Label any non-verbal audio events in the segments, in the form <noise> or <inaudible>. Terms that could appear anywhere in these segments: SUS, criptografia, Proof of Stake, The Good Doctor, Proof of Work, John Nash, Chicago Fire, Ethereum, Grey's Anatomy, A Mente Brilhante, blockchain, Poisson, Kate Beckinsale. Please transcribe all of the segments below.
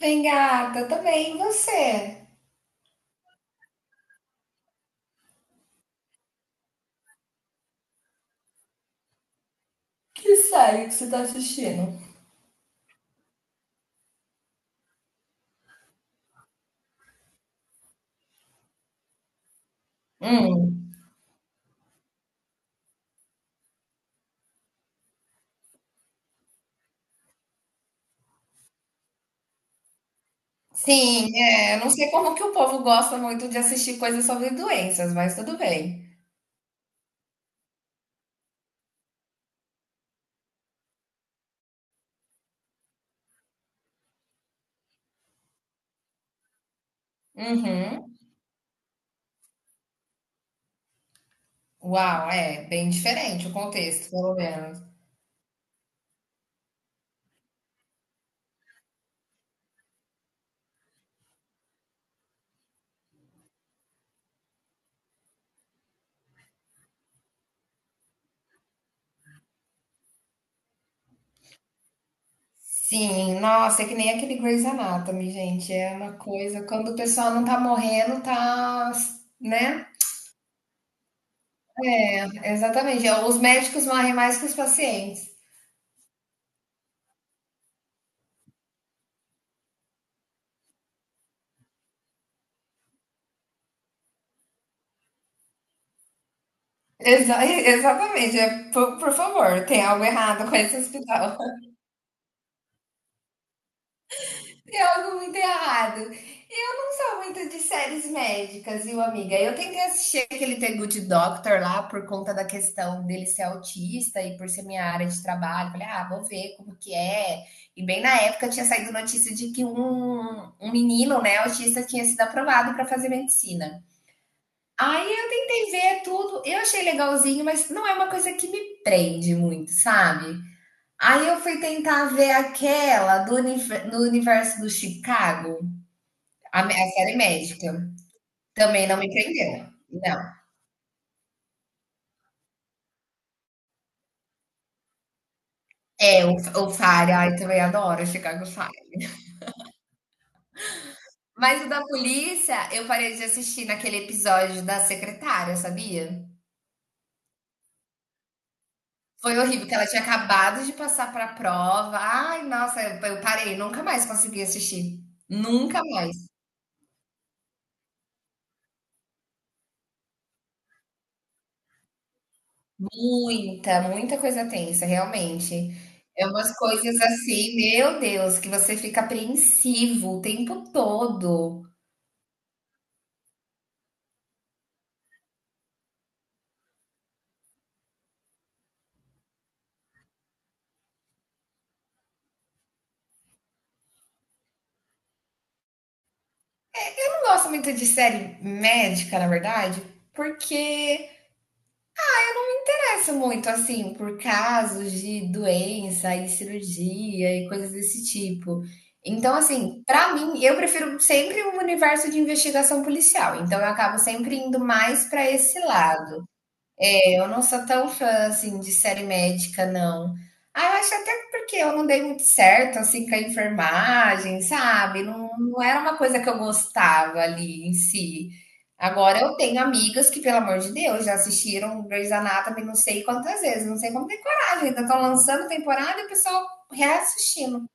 Bem, gata, tô bem, e você? Que série que você tá assistindo? Hum. Sim, é, eu não sei como que o povo gosta muito de assistir coisas sobre doenças, mas tudo bem. Uhum. Uau, é bem diferente o contexto, pelo menos. Sim, nossa, é que nem aquele Grey's Anatomy, gente, é uma coisa, quando o pessoal não tá morrendo, tá, né? Exatamente, é, os médicos morrem mais que os pacientes. <laughs> Exatamente, é, por favor, tem algo errado com esse hospital. Tem algo muito errado. Eu não sou muito de séries médicas, viu, amiga? Eu tentei assistir aquele The Good Doctor lá por conta da questão dele ser autista e por ser minha área de trabalho. Falei, ah, vou ver como que é. E bem na época tinha saído notícia de que um menino, né, autista, tinha sido aprovado para fazer medicina. Aí eu tentei ver tudo, eu achei legalzinho, mas não é uma coisa que me prende muito, sabe? Aí eu fui tentar ver aquela do, do universo do Chicago. A série médica. Também não me prendeu. Não. É, o Fire, ai, também adoro Chicago Fire. Mas o da polícia, eu parei de assistir naquele episódio da secretária, sabia? Foi horrível, porque ela tinha acabado de passar pra prova. Ai, nossa, eu parei, nunca mais consegui assistir. Nunca mais. Muita, muita coisa tensa, realmente. É umas coisas assim, meu Deus, que você fica apreensivo o tempo todo. Eu não gosto muito de série médica, na verdade, porque parece muito assim, por casos de doença e cirurgia e coisas desse tipo. Então, assim, pra mim, eu prefiro sempre um universo de investigação policial. Então, eu acabo sempre indo mais pra esse lado. É, eu não sou tão fã assim de série médica, não. Ah, eu acho até porque eu não dei muito certo assim com a enfermagem, sabe? Não, não era uma coisa que eu gostava ali em si. Agora eu tenho amigas que, pelo amor de Deus, já assistiram Grey's Anatomy não sei quantas vezes, não sei como tem coragem, ainda estão lançando temporada e o pessoal reassistindo.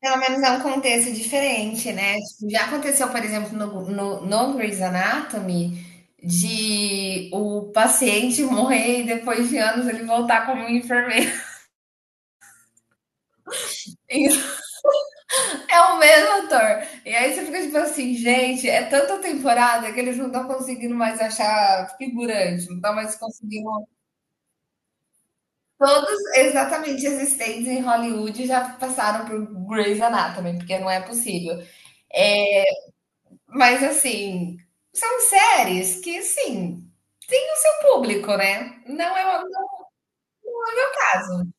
Pelo menos é um contexto diferente, né? Tipo, já aconteceu, por exemplo, no Grey's Anatomy, de o paciente morrer e depois de anos ele voltar como um enfermeiro. <laughs> Isso é o mesmo ator. E aí você fica tipo assim, gente, é tanta temporada que eles não estão conseguindo mais achar figurante, não estão mais conseguindo. Todos exatamente existentes em Hollywood já passaram por Grey's Anatomy, porque não é possível. É, mas assim, são séries que sim, tem o seu público, né? Não é, não é o meu caso.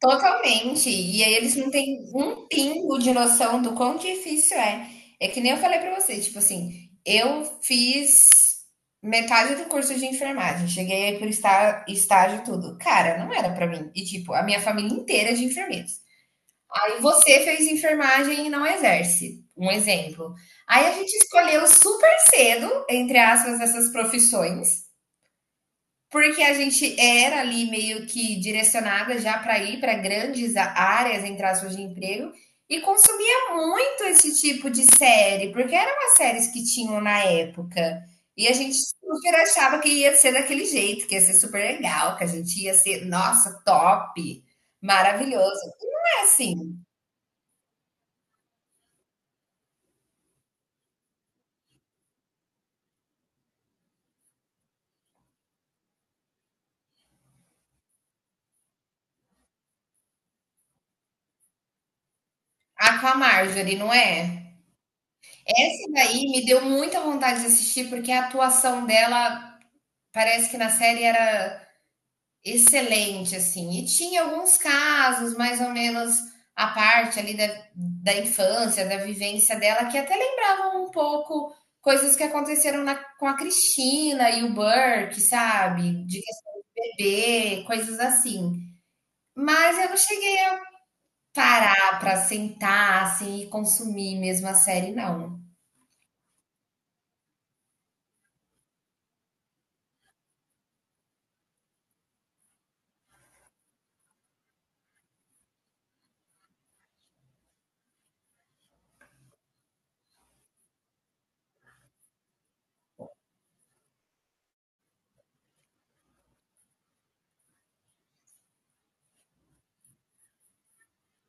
Totalmente. E aí eles não têm um pingo de noção do quão difícil é. É que nem eu falei pra você, tipo assim, eu fiz metade do curso de enfermagem, cheguei aí por estar estágio e tudo. Cara, não era pra mim. E tipo, a minha família inteira é de enfermeiros. Aí você fez enfermagem e não exerce, um exemplo. Aí a gente escolheu super cedo, entre aspas, essas profissões, porque a gente era ali meio que direcionada já para ir para grandes áreas, entre aspas, de emprego, e consumia muito esse tipo de série, porque eram as séries que tinham na época. E a gente super achava que ia ser daquele jeito, que ia ser super legal, que a gente ia ser, nossa, top, maravilhoso. E não é assim. A com a Marjorie, não é? Essa daí me deu muita vontade de assistir, porque a atuação dela parece que na série era excelente, assim. E tinha alguns casos, mais ou menos, a parte ali da infância, da vivência dela, que até lembravam um pouco coisas que aconteceram com a Cristina e o Burke, sabe? De questão de bebê, coisas assim. Mas eu não cheguei a parar para sentar, assim, e consumir mesmo a série, não.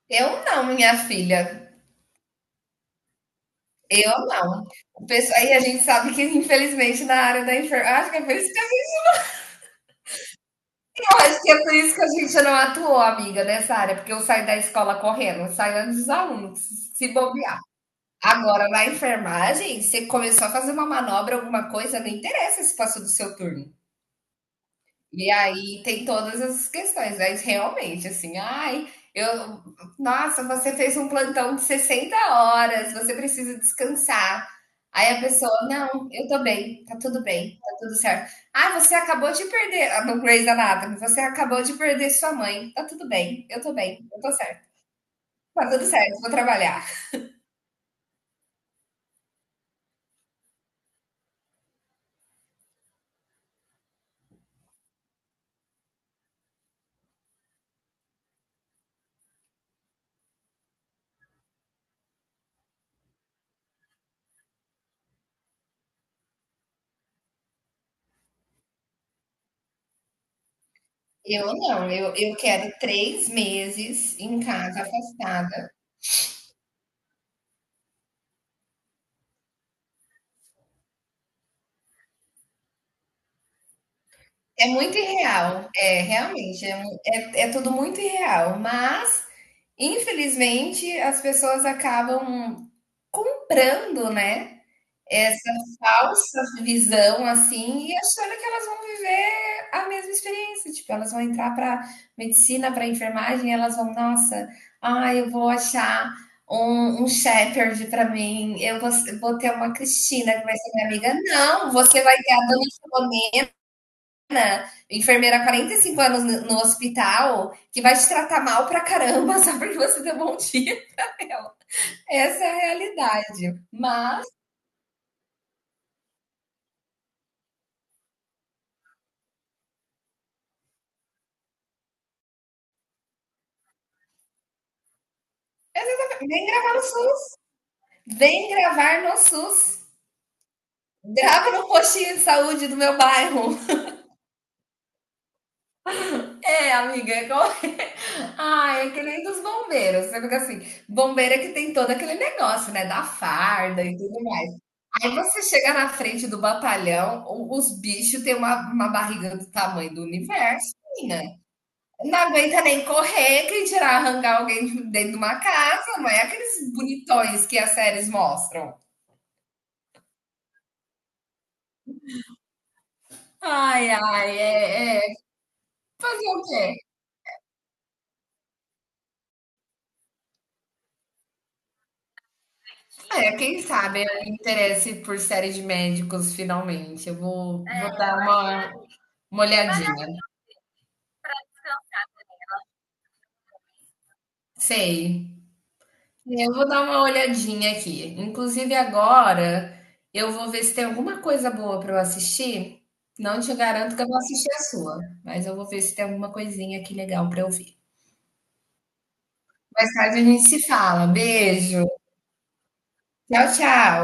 Eu não, minha filha. Eu não. O pessoal, aí a gente sabe que, infelizmente, na área da enfermagem. Acho que é por isso que eu não, acho que é por isso que a gente não atuou, amiga, nessa área, porque eu saí da escola correndo, eu saí antes dos alunos, se bobear. Agora, na enfermagem, você começou a fazer uma manobra, alguma coisa, não interessa se passou do seu turno. E aí tem todas essas questões, mas realmente, assim, ai, eu, nossa, você fez um plantão de 60 horas, você precisa descansar. Aí a pessoa, não, eu tô bem, tá tudo certo. Ah, você acabou de perder, ah, no Grey's Anatomy, você acabou de perder sua mãe, tá tudo bem, eu tô certo, tá tudo certo, vou trabalhar. Eu não, eu quero 3 meses em casa afastada. É muito irreal, é, realmente, é mu é é tudo muito irreal, mas, infelizmente, as pessoas acabam comprando, né, essa falsa visão, assim, e achando que elas vão viver a mesma experiência, tipo, elas vão entrar para medicina, para enfermagem, e elas vão: "Nossa, ah, eu vou achar um shepherd para mim, eu vou ter uma Cristina que vai ser minha amiga", não, você vai ter a dona enfermeira há 45 anos hospital que vai te tratar mal pra caramba <laughs> só porque você deu bom dia. Essa é a realidade. Mas, vem gravar no SUS. Vem gravar no SUS. Grava no postinho de saúde do meu bairro. É, amiga. É como. Ai, é que nem dos bombeiros. Você fica assim, bombeira que tem todo aquele negócio, né? Da farda e tudo mais. Aí você chega na frente do batalhão, os bichos têm uma barriga do tamanho do universo, menina. Não aguenta nem correr, quem tirar arrancar alguém de dentro de uma casa, não é aqueles bonitões que as séries mostram. Ai, ai, é, é. Fazer o quê? É, quem sabe eu me interesse por série de médicos finalmente. Eu vou, é, vou dar uma, uma olhadinha. Sei. Eu vou dar uma olhadinha aqui. Inclusive agora eu vou ver se tem alguma coisa boa para eu assistir. Não te garanto que eu vou assistir a sua, mas eu vou ver se tem alguma coisinha aqui legal para eu ver. Mais tarde a gente se fala. Beijo. Tchau, tchau.